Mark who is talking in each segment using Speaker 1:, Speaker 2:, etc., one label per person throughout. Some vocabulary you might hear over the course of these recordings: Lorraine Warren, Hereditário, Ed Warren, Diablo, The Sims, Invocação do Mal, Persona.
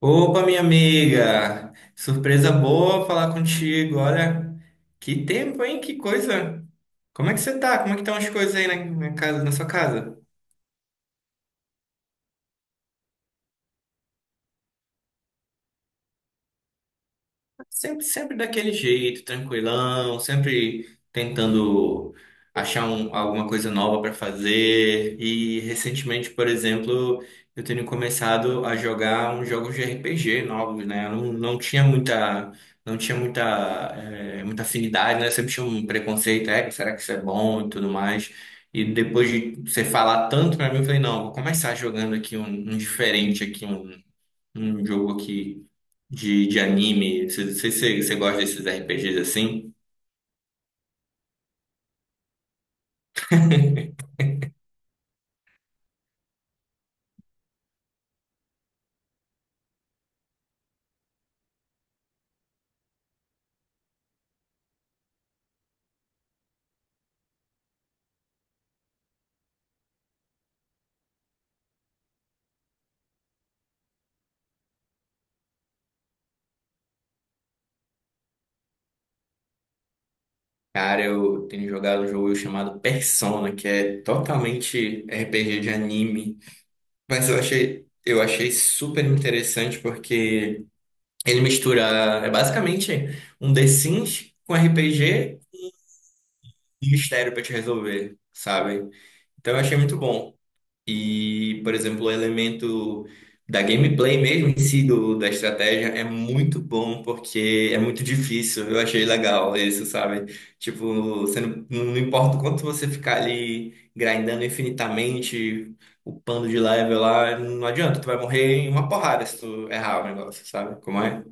Speaker 1: Opa, minha amiga! Surpresa boa falar contigo. Olha, que tempo, hein? Que coisa! Como é que você tá? Como é que estão as coisas aí na casa, na sua casa? Sempre, sempre daquele jeito, tranquilão, sempre tentando alguma coisa nova para fazer. E recentemente, por exemplo, eu tenho começado a jogar uns jogos de RPG novos, né? Eu não, não tinha muita, não tinha muita, eh, muita afinidade, né? Eu sempre tinha um preconceito, é, será que isso é bom e tudo mais. E depois de você falar tanto para mim, eu falei, não, vou começar jogando aqui um diferente aqui, um jogo aqui de anime. Você gosta desses RPGs assim? Cara, eu tenho jogado um jogo chamado Persona, que é totalmente RPG de anime. Mas eu achei super interessante porque ele mistura, é basicamente um The Sims com RPG e mistério pra te resolver, sabe? Então eu achei muito bom. E, por exemplo, o elemento da gameplay mesmo em si, do, da estratégia, é muito bom porque é muito difícil. Eu achei legal isso, sabe? Tipo, você não importa o quanto você ficar ali grindando infinitamente, upando de level lá, não adianta, tu vai morrer em uma porrada se tu errar o negócio, sabe? Como é?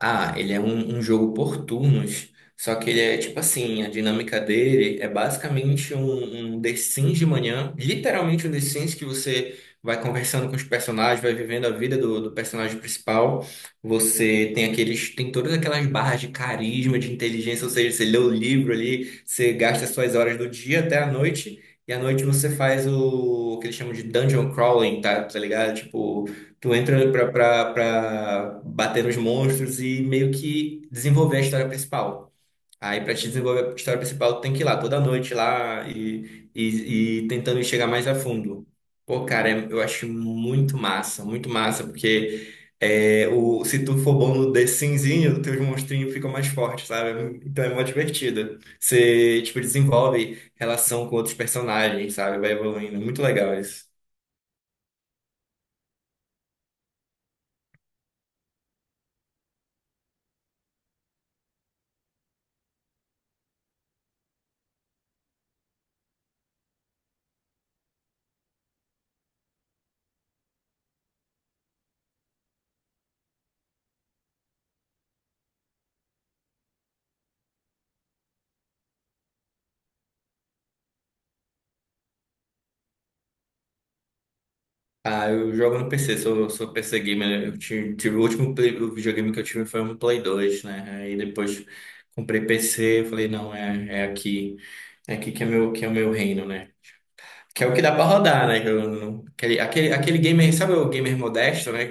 Speaker 1: Ah, ele é um jogo por turnos, só que ele é tipo assim, a dinâmica dele é basicamente um The Sims de manhã, literalmente um The Sims que você vai conversando com os personagens, vai vivendo a vida do, do personagem principal. Você tem aqueles, tem todas aquelas barras de carisma, de inteligência, ou seja, você lê o livro ali, você gasta suas horas do dia até a noite, e à noite você faz o que eles chamam de dungeon crawling, tá? Tá ligado? Tipo, tu entra pra bater nos monstros e meio que desenvolver a história principal. Aí pra te desenvolver a história principal, tu tem que ir lá toda noite lá e tentando chegar mais a fundo. Pô, cara, eu acho muito massa, porque é, o, se tu for bom no The Simzinho, teus monstrinhos ficam mais fortes, sabe? Então é mó divertido. Você, tipo, desenvolve relação com outros personagens, sabe? Vai evoluindo. É muito legal isso. Ah, eu jogo no PC, sou PC gamer. Eu tive o o videogame que eu tive foi um Play 2, né? Aí depois comprei PC, eu falei, não, é aqui, é aqui que é meu, que é o meu reino, né? Que é o que dá pra rodar, né? Que eu não- Aquele gamer, sabe, o gamer modesto, né?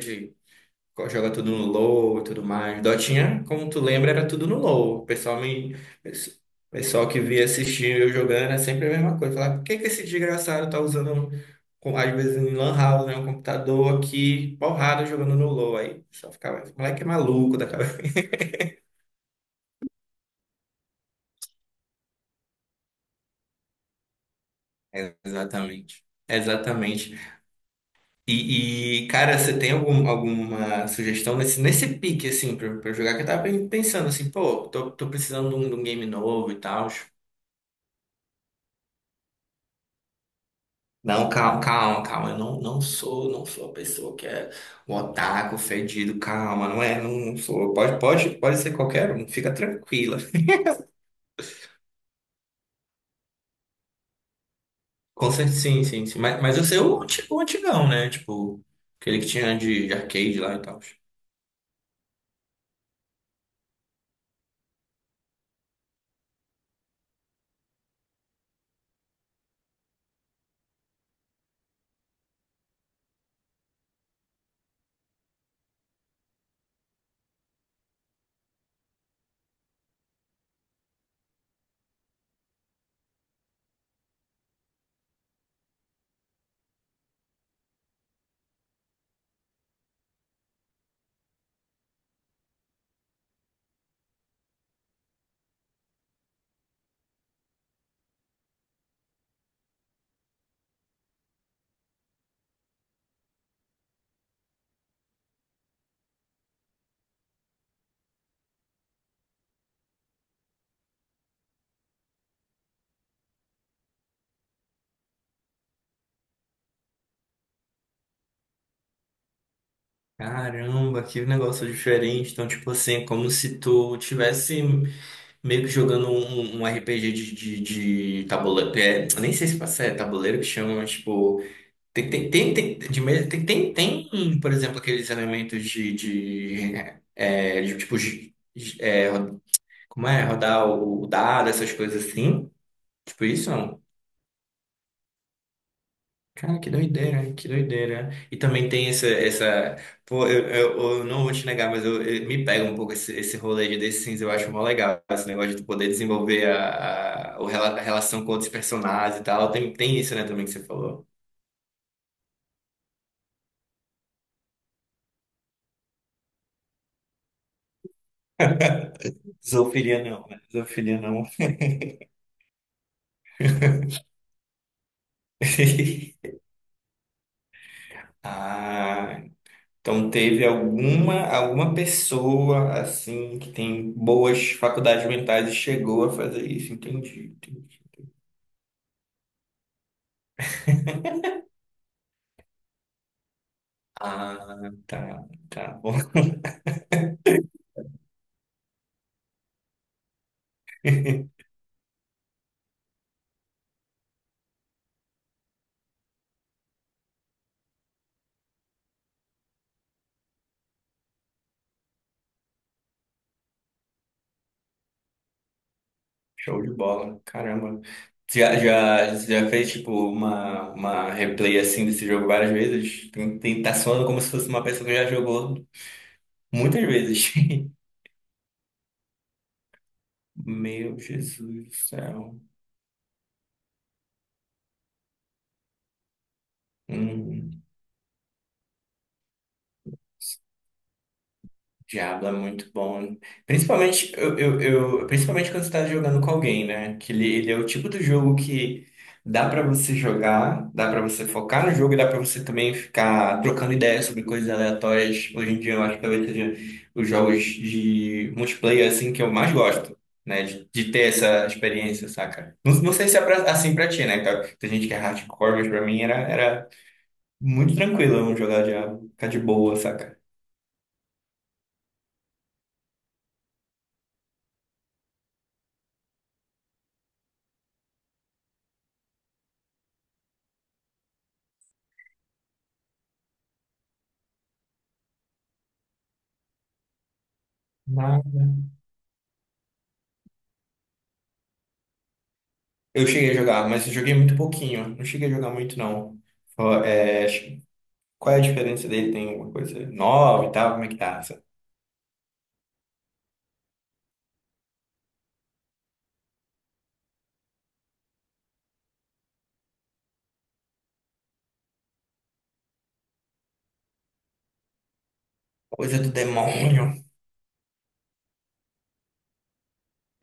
Speaker 1: Joga tudo no low e tudo mais. Dotinha, como tu lembra, era tudo no low. O pessoal me. O pessoal que via assistir eu jogando é sempre a mesma coisa. Falar, por que que esse desgraçado tá às vezes, em lan house, né? Um computador aqui, porrada, jogando no low. Aí só ficava, esse moleque é maluco da cabeça. É, exatamente. Exatamente. Cara, você tem algum, alguma sugestão nesse, nesse pique, assim, pra, pra eu jogar? Que eu tava pensando assim, pô, tô precisando de um game novo e tal. Não, calma, calma, calma. Eu não sou a pessoa que é o otaku fedido. Calma, não é, não, não sou. Pode ser qualquer um. Fica tranquila. Com certeza, sim, sim, sim. Mas eu sei o o antigão, né? Tipo, aquele que tinha de arcade lá e tal. Caramba, que negócio diferente. Então, tipo assim, é como se tu tivesse meio que jogando um, um RPG de tabuleiro. É, eu nem sei se é tabuleiro que chama, mas tipo. De mesa, por exemplo, aqueles elementos de, é, de, tipo, como é, rodar o dado, essas coisas assim. Tipo isso, não? Cara, que doideira, que doideira. E também tem essa, essa, pô, eu não vou te negar, mas me pega um pouco esse, esse rolê de The Sims, eu acho mó legal, esse negócio de tu poder desenvolver a relação com outros personagens e tal. Tem, tem isso, né, também que você falou. Zoofilia não, né? Zoofilia não. Ah, então teve alguma alguma pessoa assim que tem boas faculdades mentais e chegou a fazer isso, entendi, entendi. Ah, tá, tá bom. Show de bola, caramba. Já, já, já fez tipo uma replay assim desse jogo várias vezes? Tem, tem, tá soando como se fosse uma pessoa que já jogou muitas vezes. Meu Jesus do céu. Uhum. Diablo é muito bom. Principalmente, principalmente quando você tá jogando com alguém, né? Que ele é o tipo do jogo que dá pra você jogar, dá pra você focar no jogo e dá pra você também ficar trocando ideias sobre coisas aleatórias. Hoje em dia eu acho que talvez seja os jogos de multiplayer assim que eu mais gosto, né? De ter essa experiência, saca? Não, não sei se é assim pra ti, né? Tá. Tem gente que é hardcore, mas pra mim era muito tranquilo eu não jogar Diablo, ficar de boa, saca? Eu cheguei a jogar, mas eu joguei muito pouquinho. Não cheguei a jogar muito, não. Ó, é, qual é a diferença dele? Tem alguma coisa nova e tal? Como é que tá? Essa coisa do demônio.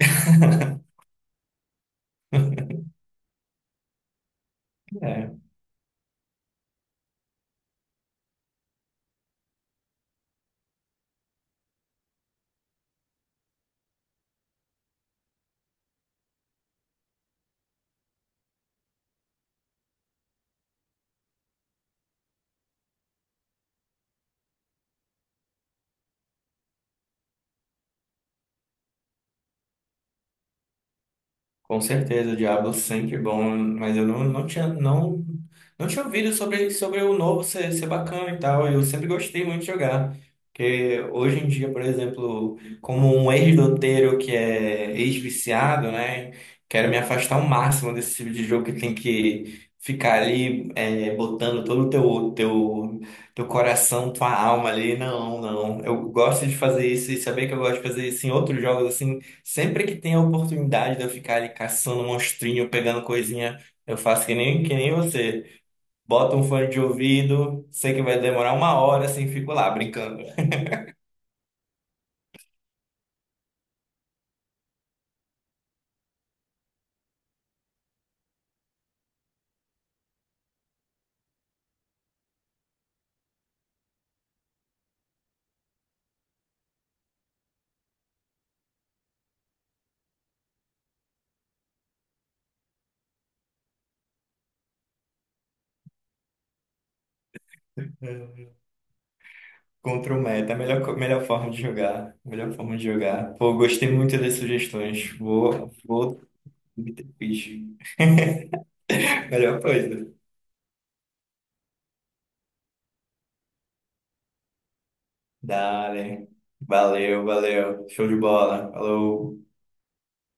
Speaker 1: É. Com certeza, o Diablo sempre é bom, mas eu não tinha ouvido sobre, sobre o novo ser, ser bacana e tal. Eu sempre gostei muito de jogar. Porque hoje em dia, por exemplo, como um ex-doteiro que é ex-viciado, né? Quero me afastar ao máximo desse tipo de jogo que tem que ficar ali é, botando todo o teu coração, tua alma ali. Não, não. Eu gosto de fazer isso e saber que eu gosto de fazer isso em outros jogos assim. Sempre que tem a oportunidade de eu ficar ali caçando monstrinho, pegando coisinha, eu faço que nem você. Bota um fone de ouvido, sei que vai demorar uma hora, assim, fico lá brincando. É. Contra o meta, é a melhor, melhor forma de jogar. Melhor forma de jogar. Pô, gostei muito das sugestões. Fiz. Melhor coisa. Dale. Valeu, valeu. Show de bola. Falou.